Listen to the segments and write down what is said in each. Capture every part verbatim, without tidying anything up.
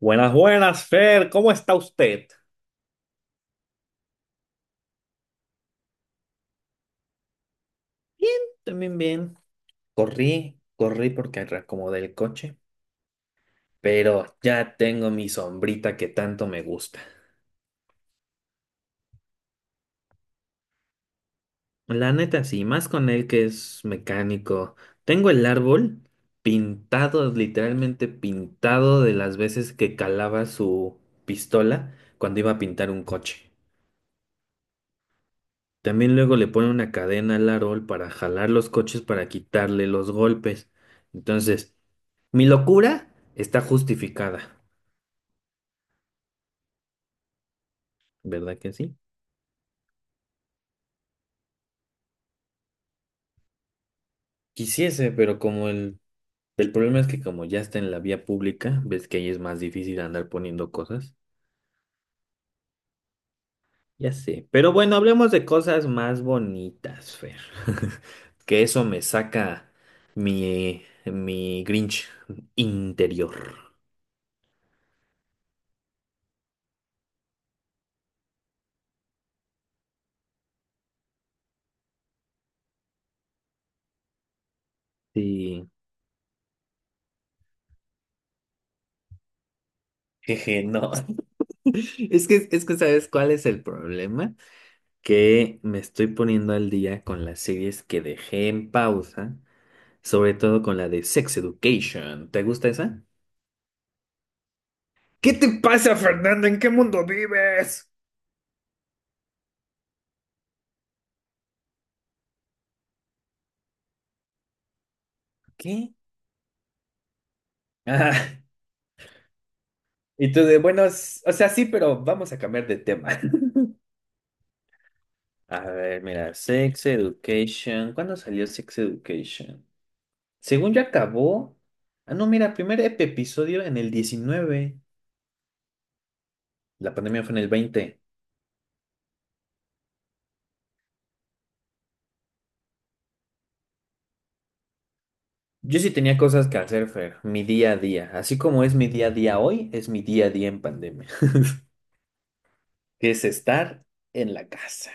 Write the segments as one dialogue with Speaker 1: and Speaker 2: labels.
Speaker 1: Buenas, buenas, Fer, ¿cómo está usted? Bien, también bien. Corrí, corrí porque reacomodé el coche, pero ya tengo mi sombrita que tanto me gusta. La neta, sí, más con él que es mecánico. Tengo el árbol pintado, literalmente pintado de las veces que calaba su pistola cuando iba a pintar un coche. También luego le pone una cadena al árbol para jalar los coches para quitarle los golpes. Entonces mi locura está justificada, ¿verdad que sí? Quisiese, pero como el, el problema es que como ya está en la vía pública, ves que ahí es más difícil andar poniendo cosas. Ya sé. Pero bueno, hablemos de cosas más bonitas, Fer. Que eso me saca mi, mi Grinch interior. Sí. Jeje, no. Es que, es que, ¿sabes cuál es el problema? Que me estoy poniendo al día con las series que dejé en pausa, sobre todo con la de Sex Education. ¿Te gusta esa? ¿Qué te pasa, Fernando? ¿En qué mundo vives? ¿Qué? Ah, y tú de, bueno, s- o sea, sí, pero vamos a cambiar de tema. A ver, mira, Sex Education. ¿Cuándo salió Sex Education? Según yo acabó. Ah, no, mira, primer ep- episodio en el diecinueve. La pandemia fue en el veinte. Yo sí tenía cosas que hacer, Fer, mi día a día. Así como es mi día a día hoy, es mi día a día en pandemia, que es estar en la casa.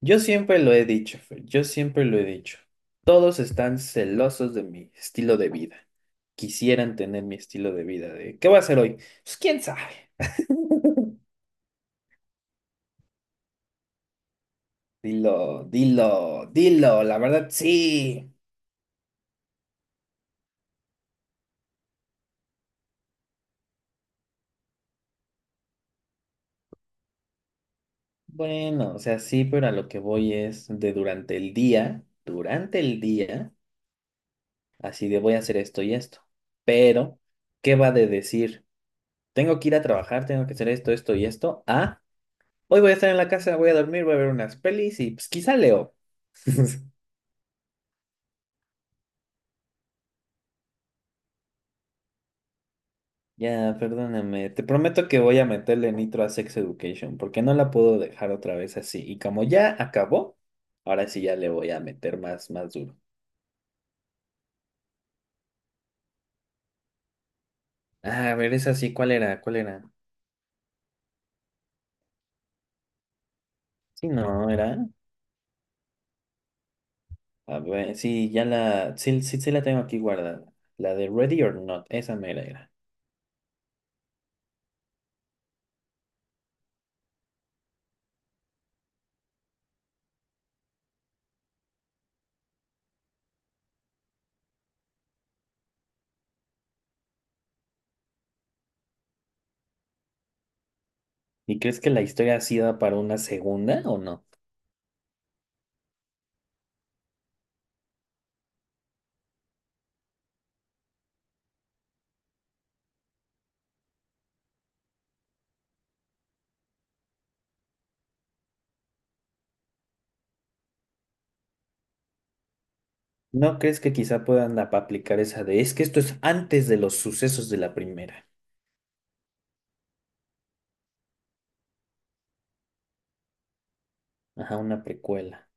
Speaker 1: Yo siempre lo he dicho, Fer, yo siempre lo he dicho. Todos están celosos de mi estilo de vida. Quisieran tener mi estilo de vida de, ¿qué voy a hacer hoy? Pues quién sabe. Dilo, dilo, dilo, la verdad sí. Bueno, o sea, sí, pero a lo que voy es de durante el día, durante el día, así de voy a hacer esto y esto. Pero ¿qué va de decir? Tengo que ir a trabajar, tengo que hacer esto, esto y esto. ¿Ah? Hoy voy a estar en la casa, voy a dormir, voy a ver unas pelis y pues quizá leo. Ya, perdóname, te prometo que voy a meterle nitro a Sex Education porque no la puedo dejar otra vez así. Y como ya acabó, ahora sí ya le voy a meter más, más duro. Ah, a ver, esa sí, ¿cuál era? ¿Cuál era? Sí, no, era. A ver, sí, ya la, sí, sí, sí la tengo aquí guardada. La de Ready or Not, esa mera era. ¿Y crees que la historia ha sido para una segunda o no? ¿No crees que quizá puedan ap- aplicar esa de, es que esto es antes de los sucesos de la primera? Ajá, una precuela.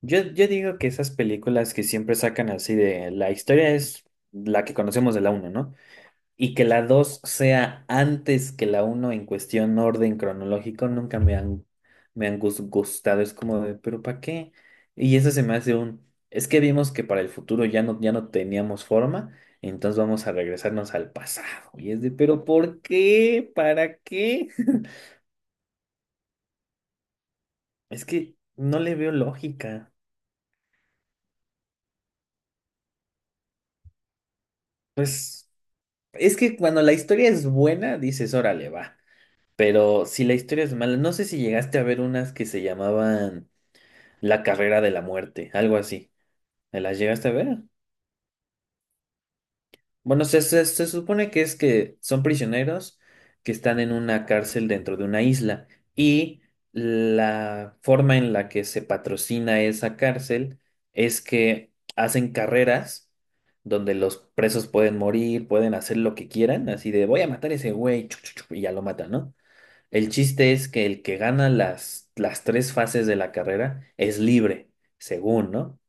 Speaker 1: Yo, yo digo que esas películas que siempre sacan así de, la historia es la que conocemos de la uno, ¿no? Y que la dos sea antes que la uno en cuestión orden cronológico, nunca me han, me han gus- gustado. Es como de, ¿pero para qué? Y eso se me hace un, es que vimos que para el futuro ya no, ya no teníamos forma, entonces vamos a regresarnos al pasado. Y es de, ¿pero por qué? ¿Para qué? Es que no le veo lógica. Pues es que cuando la historia es buena, dices, órale, va. Pero si la historia es mala, no sé si llegaste a ver unas que se llamaban La carrera de la muerte, algo así. ¿Me las llegaste a ver? Bueno, se, se, se supone que es que son prisioneros que están en una cárcel dentro de una isla y la forma en la que se patrocina esa cárcel es que hacen carreras donde los presos pueden morir, pueden hacer lo que quieran, así de voy a matar a ese güey chu, chu, chu", y ya lo matan, ¿no? El chiste es que el que gana las, las tres fases de la carrera es libre, según, ¿no?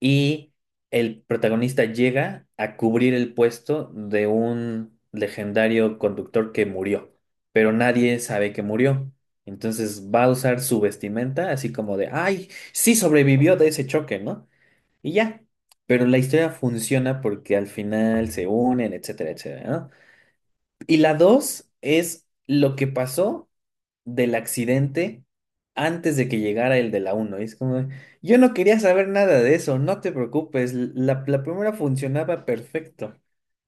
Speaker 1: Y el protagonista llega a cubrir el puesto de un legendario conductor que murió, pero nadie sabe que murió. Entonces va a usar su vestimenta así como de, ay, sí sobrevivió de ese choque, ¿no? Y ya. Pero la historia funciona porque al final se unen, etcétera, etcétera, ¿no? Y la dos es lo que pasó del accidente antes de que llegara el de la uno. Y es como, yo no quería saber nada de eso, no te preocupes, la, la primera funcionaba perfecto,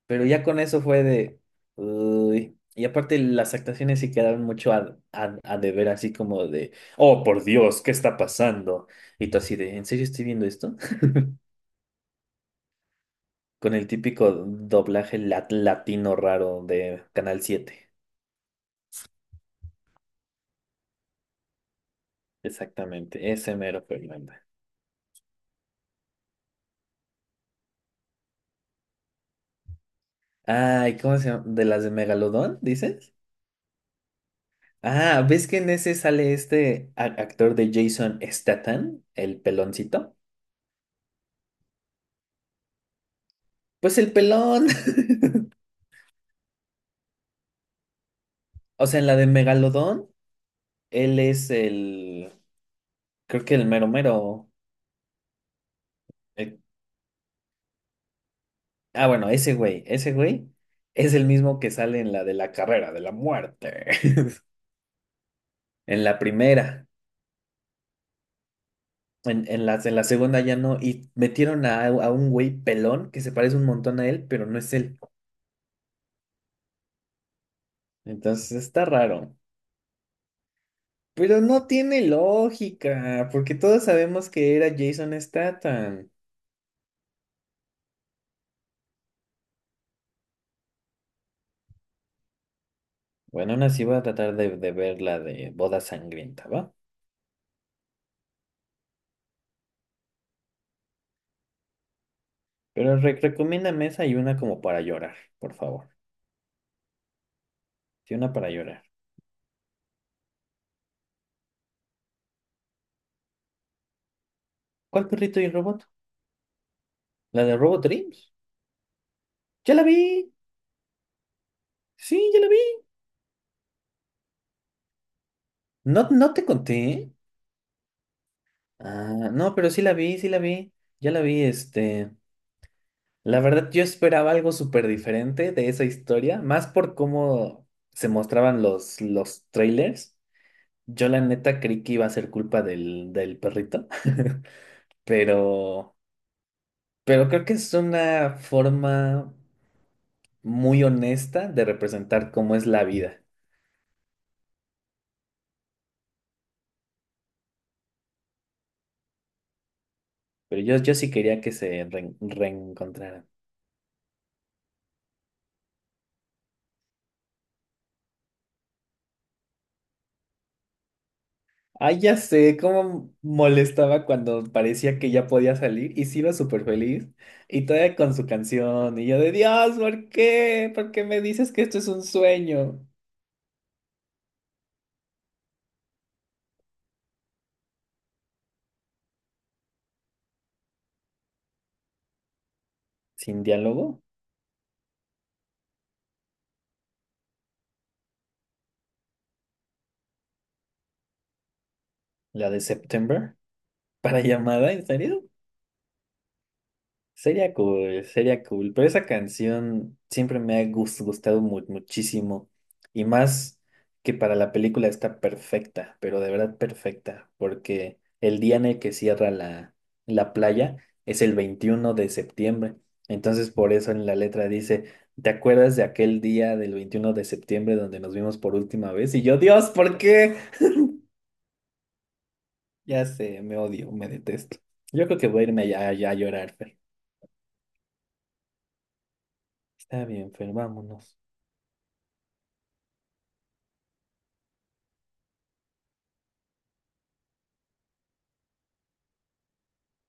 Speaker 1: pero ya con eso fue de... "Uy". Y aparte las actuaciones sí quedaron mucho a, a, a deber, así como de, oh, por Dios, ¿qué está pasando? Y tú así de, ¿en serio estoy viendo esto? Con el típico doblaje lat- latino raro de Canal siete. Exactamente, ese mero Fernanda. Ay, ¿cómo se llama? ¿De las de Megalodón, dices? Ah, ¿ves que en ese sale este a- actor de Jason Statham, el peloncito? Pues el pelón. O sea, en la de Megalodón, él es el, creo que el mero mero. El... ah, bueno, ese güey, ese güey es el mismo que sale en la de la carrera de la muerte. En la primera, en, en las de la segunda ya no, y metieron a, a un güey pelón que se parece un montón a él, pero no es él. Entonces está raro. Pero no tiene lógica, porque todos sabemos que era Jason Statham. Bueno, aún así voy a tratar de, de ver la de Boda Sangrienta, ¿va? Pero re- recomiéndame esa y una como para llorar, por favor. Sí, una para llorar. ¿Cuál perrito y robot? ¿La de Robot Dreams? ¡Ya la vi! Sí, ya la vi. ¿No, no te conté? Ah, no, pero sí la vi, sí la vi. Ya la vi, este... La verdad, yo esperaba algo súper diferente de esa historia, más por cómo se mostraban los, los trailers. Yo la neta creí que iba a ser culpa del, del perrito, pero, pero creo que es una forma muy honesta de representar cómo es la vida. Pero yo, yo sí quería que se re- reencontraran. Ay, ya sé cómo molestaba cuando parecía que ya podía salir y se iba súper feliz y todavía con su canción y yo de Dios, ¿por qué? ¿Por qué me dices que esto es un sueño? Sin diálogo, la de September, para llamada, ¿en serio? Sería cool, sería cool, pero esa canción siempre me ha gus- gustado mu- muchísimo y más que para la película está perfecta, pero de verdad perfecta, porque el día en el que cierra la, la playa es el veintiuno de septiembre, entonces por eso en la letra dice, ¿te acuerdas de aquel día del veintiuno de septiembre donde nos vimos por última vez? Y yo, Dios, ¿por qué? Ya sé, me odio, me detesto. Yo creo que voy a irme ya, ya a llorar, Fer. Está bien, Fer, vámonos.